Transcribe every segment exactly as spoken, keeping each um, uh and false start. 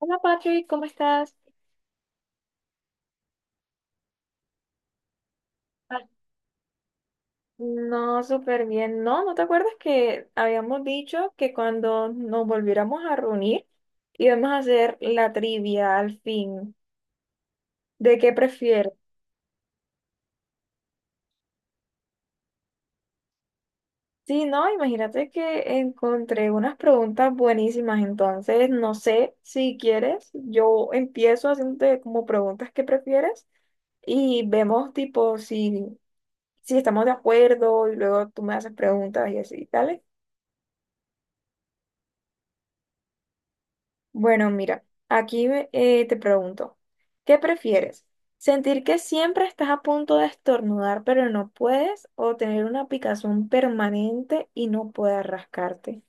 Hola Patrick, ¿cómo estás? Ay, no, súper bien. No, ¿no te acuerdas que habíamos dicho que cuando nos volviéramos a reunir íbamos a hacer la trivia al fin? ¿De qué prefieres? Sí, no, imagínate que encontré unas preguntas buenísimas, entonces no sé si quieres, yo empiezo haciéndote como preguntas que prefieres y vemos tipo si, si estamos de acuerdo y luego tú me haces preguntas y así, tal. Bueno, mira, aquí eh, te pregunto, ¿qué prefieres? ¿Sentir que siempre estás a punto de estornudar pero no puedes o tener una picazón permanente y no puedes rascarte?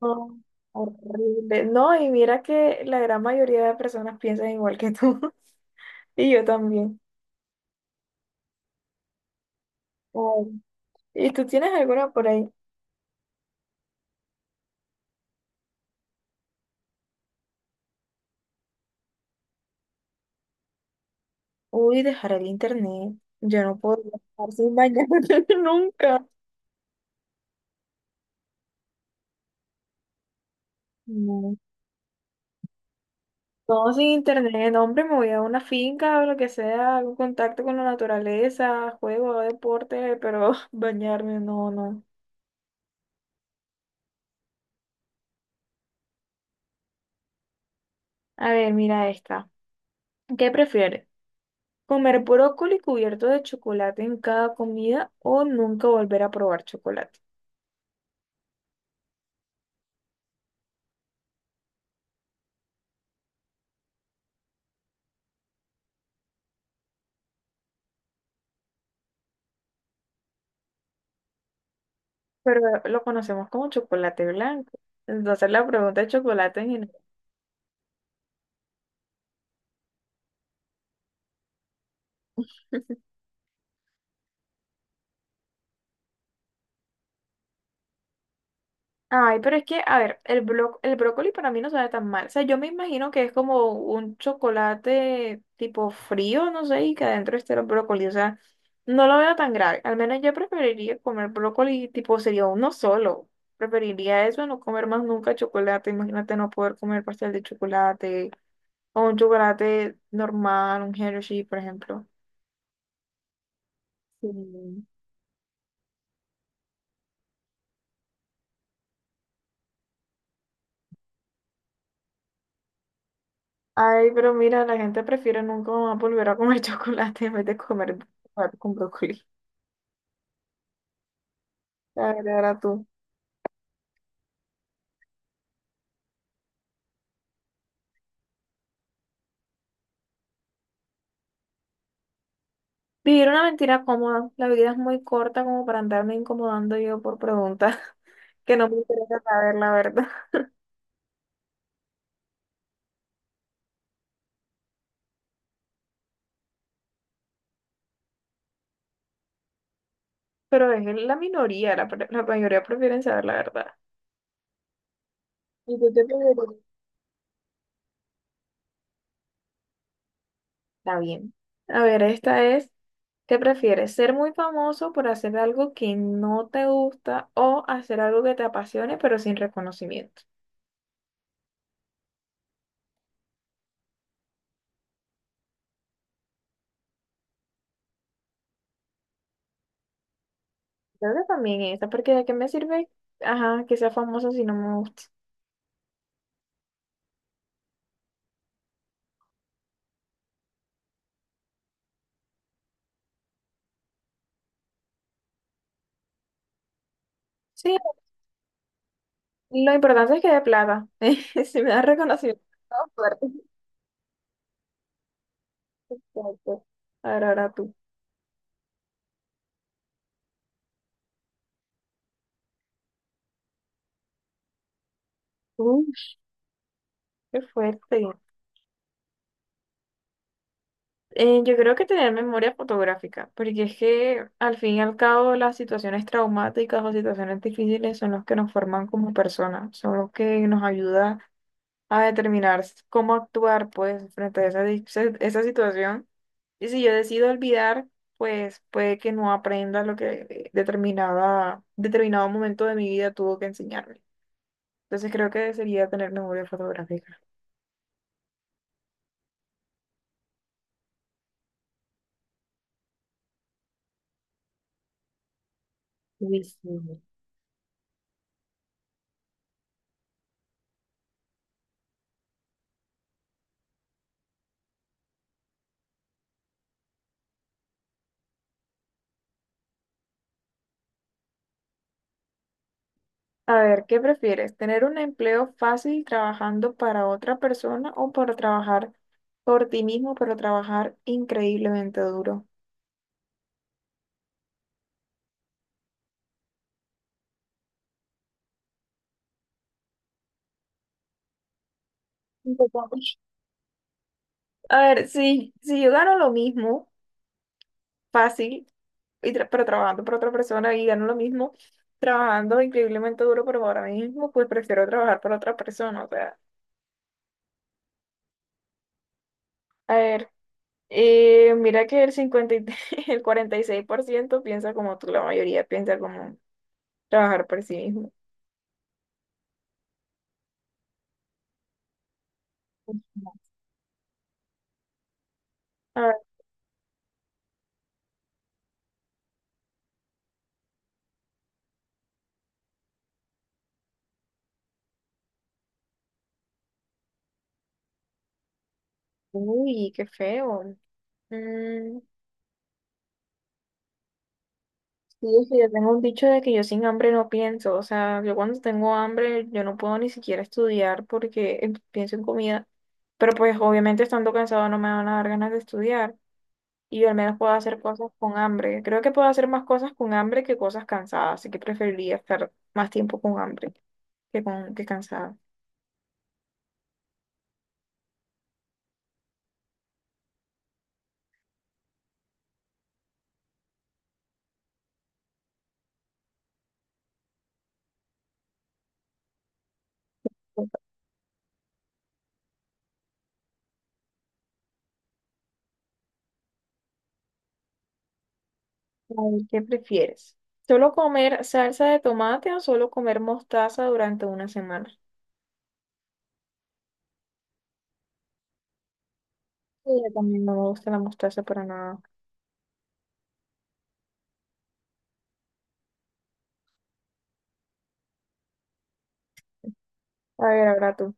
Oh, horrible. No, y mira que la gran mayoría de personas piensan igual que tú y yo también. Ay. ¿Y tú tienes alguna por ahí? Uy, dejar el internet. Yo no puedo estar sin bañarme nunca. No. No, sin internet, no, hombre, me voy a una finca o lo que sea, algún contacto con la naturaleza, juego, hago deporte, pero bañarme, no, no. A ver, mira esta. ¿Qué prefieres? ¿Comer brócoli cubierto de chocolate en cada comida o nunca volver a probar chocolate? Pero lo conocemos como chocolate blanco. Entonces la pregunta es chocolate en general. Ay, pero es que, a ver, el blo- el brócoli para mí no sabe tan mal. O sea, yo me imagino que es como un chocolate tipo frío, no sé, y que adentro esté el brócoli. O sea, no lo veo tan grave. Al menos yo preferiría comer brócoli tipo sería uno solo. Preferiría eso, no comer más nunca chocolate. Imagínate no poder comer pastel de chocolate o un chocolate normal, un Hershey, por ejemplo. Sí. Ay, pero mira, la gente prefiere nunca más volver a comer chocolate en vez de comer chocolate con brócoli. La verdad, ahora tú. Vivir una mentira cómoda. La vida es muy corta como para andarme incomodando yo por preguntas que no me interesa saber la verdad. Pero es la minoría, la, pre- la mayoría prefieren saber la verdad. ¿Y tú qué prefieres? Está bien. A ver, esta es, ¿qué prefieres? ¿Ser muy famoso por hacer algo que no te gusta o hacer algo que te apasione pero sin reconocimiento? Creo que también esta, porque ¿de qué me sirve? Ajá, que sea famoso si no me gusta. Sí, lo importante es que de plata. Si me da reconocimiento, todo fuerte. Exacto. Ahora, ahora tú. Uy, qué fuerte. Eh, yo creo que tener memoria fotográfica, porque es que al fin y al cabo las situaciones traumáticas o situaciones difíciles son los que nos forman como personas, son los que nos ayuda a determinar cómo actuar, pues, frente a esa, di- se- esa situación. Y si yo decido olvidar, pues puede que no aprenda lo que eh, determinada, determinado momento de mi vida tuvo que enseñarme. Entonces creo que sería tener memoria fotográfica. Uy, sí. A ver, ¿qué prefieres? ¿Tener un empleo fácil trabajando para otra persona o para trabajar por ti mismo, pero trabajar increíblemente duro? Un poco. A ver, sí, si yo gano lo mismo, fácil. Y tra- pero trabajando para otra persona y gano lo mismo, trabajando increíblemente duro, pero ahora mismo pues prefiero trabajar para otra persona. O sea, a ver, eh, mira que el cincuenta y- tres el cuarenta y seis por ciento piensa como tú, la mayoría piensa como trabajar por sí mismo. A ver, uy, qué feo. Mm, sí, es que yo tengo un dicho de que yo sin hambre no pienso, o sea, yo cuando tengo hambre yo no puedo ni siquiera estudiar porque eh, pienso en comida, pero pues obviamente estando cansado no me van a dar ganas de estudiar. Y yo al menos puedo hacer cosas con hambre. Creo que puedo hacer más cosas con hambre que cosas cansadas, así que preferiría estar más tiempo con hambre que con que cansada. A ver, ¿qué prefieres? ¿Solo comer salsa de tomate o solo comer mostaza durante una semana? Sí, yo también no me gusta la mostaza para nada. A ver, ahora tú.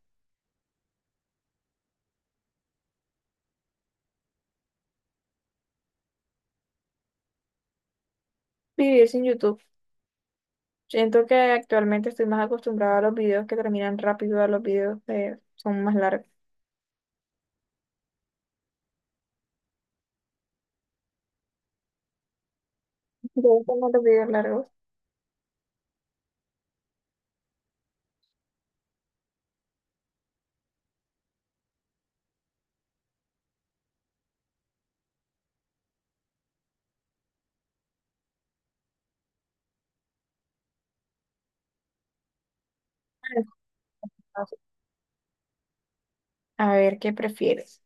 Vivir sin YouTube. Siento que actualmente estoy más acostumbrada a los videos que terminan rápido, a los videos que son más largos. ¿Te gustan más los videos largos? Ah, a ver, ¿qué prefieres?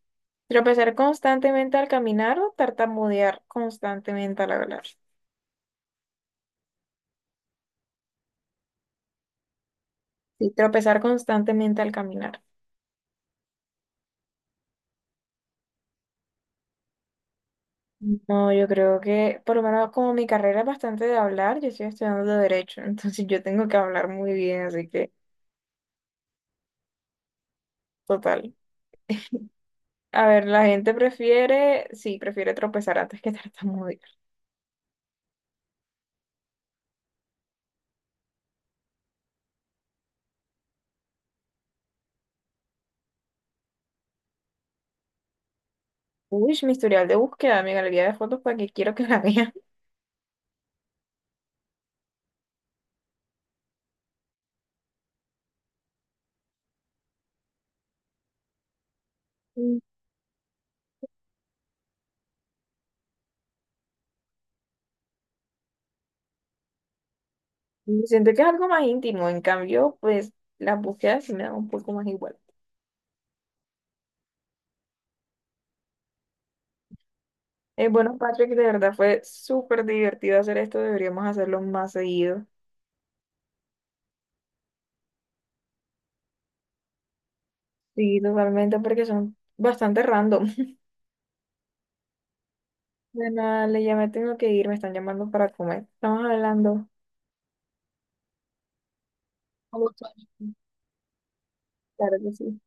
¿Tropezar constantemente al caminar o tartamudear constantemente al hablar? Sí, tropezar constantemente al caminar. No, yo creo que, por lo menos como mi carrera es bastante de hablar, yo estoy estudiando de derecho, entonces yo tengo que hablar muy bien, así que total. A ver, la gente prefiere, sí, prefiere tropezar antes que tartamudear. Uy, mi historial de búsqueda, mi galería de fotos, ¿para que quiero que la vean? Mm, siento que es algo más íntimo, en cambio, pues las búsquedas sí me dan un poco más igual. Eh, bueno, Patrick, de verdad fue súper divertido hacer esto. Deberíamos hacerlo más seguido. Sí, totalmente, porque son bastante random. Bueno, le ya me tengo que ir, me están llamando para comer. Estamos hablando. Como tú. Claro que sí.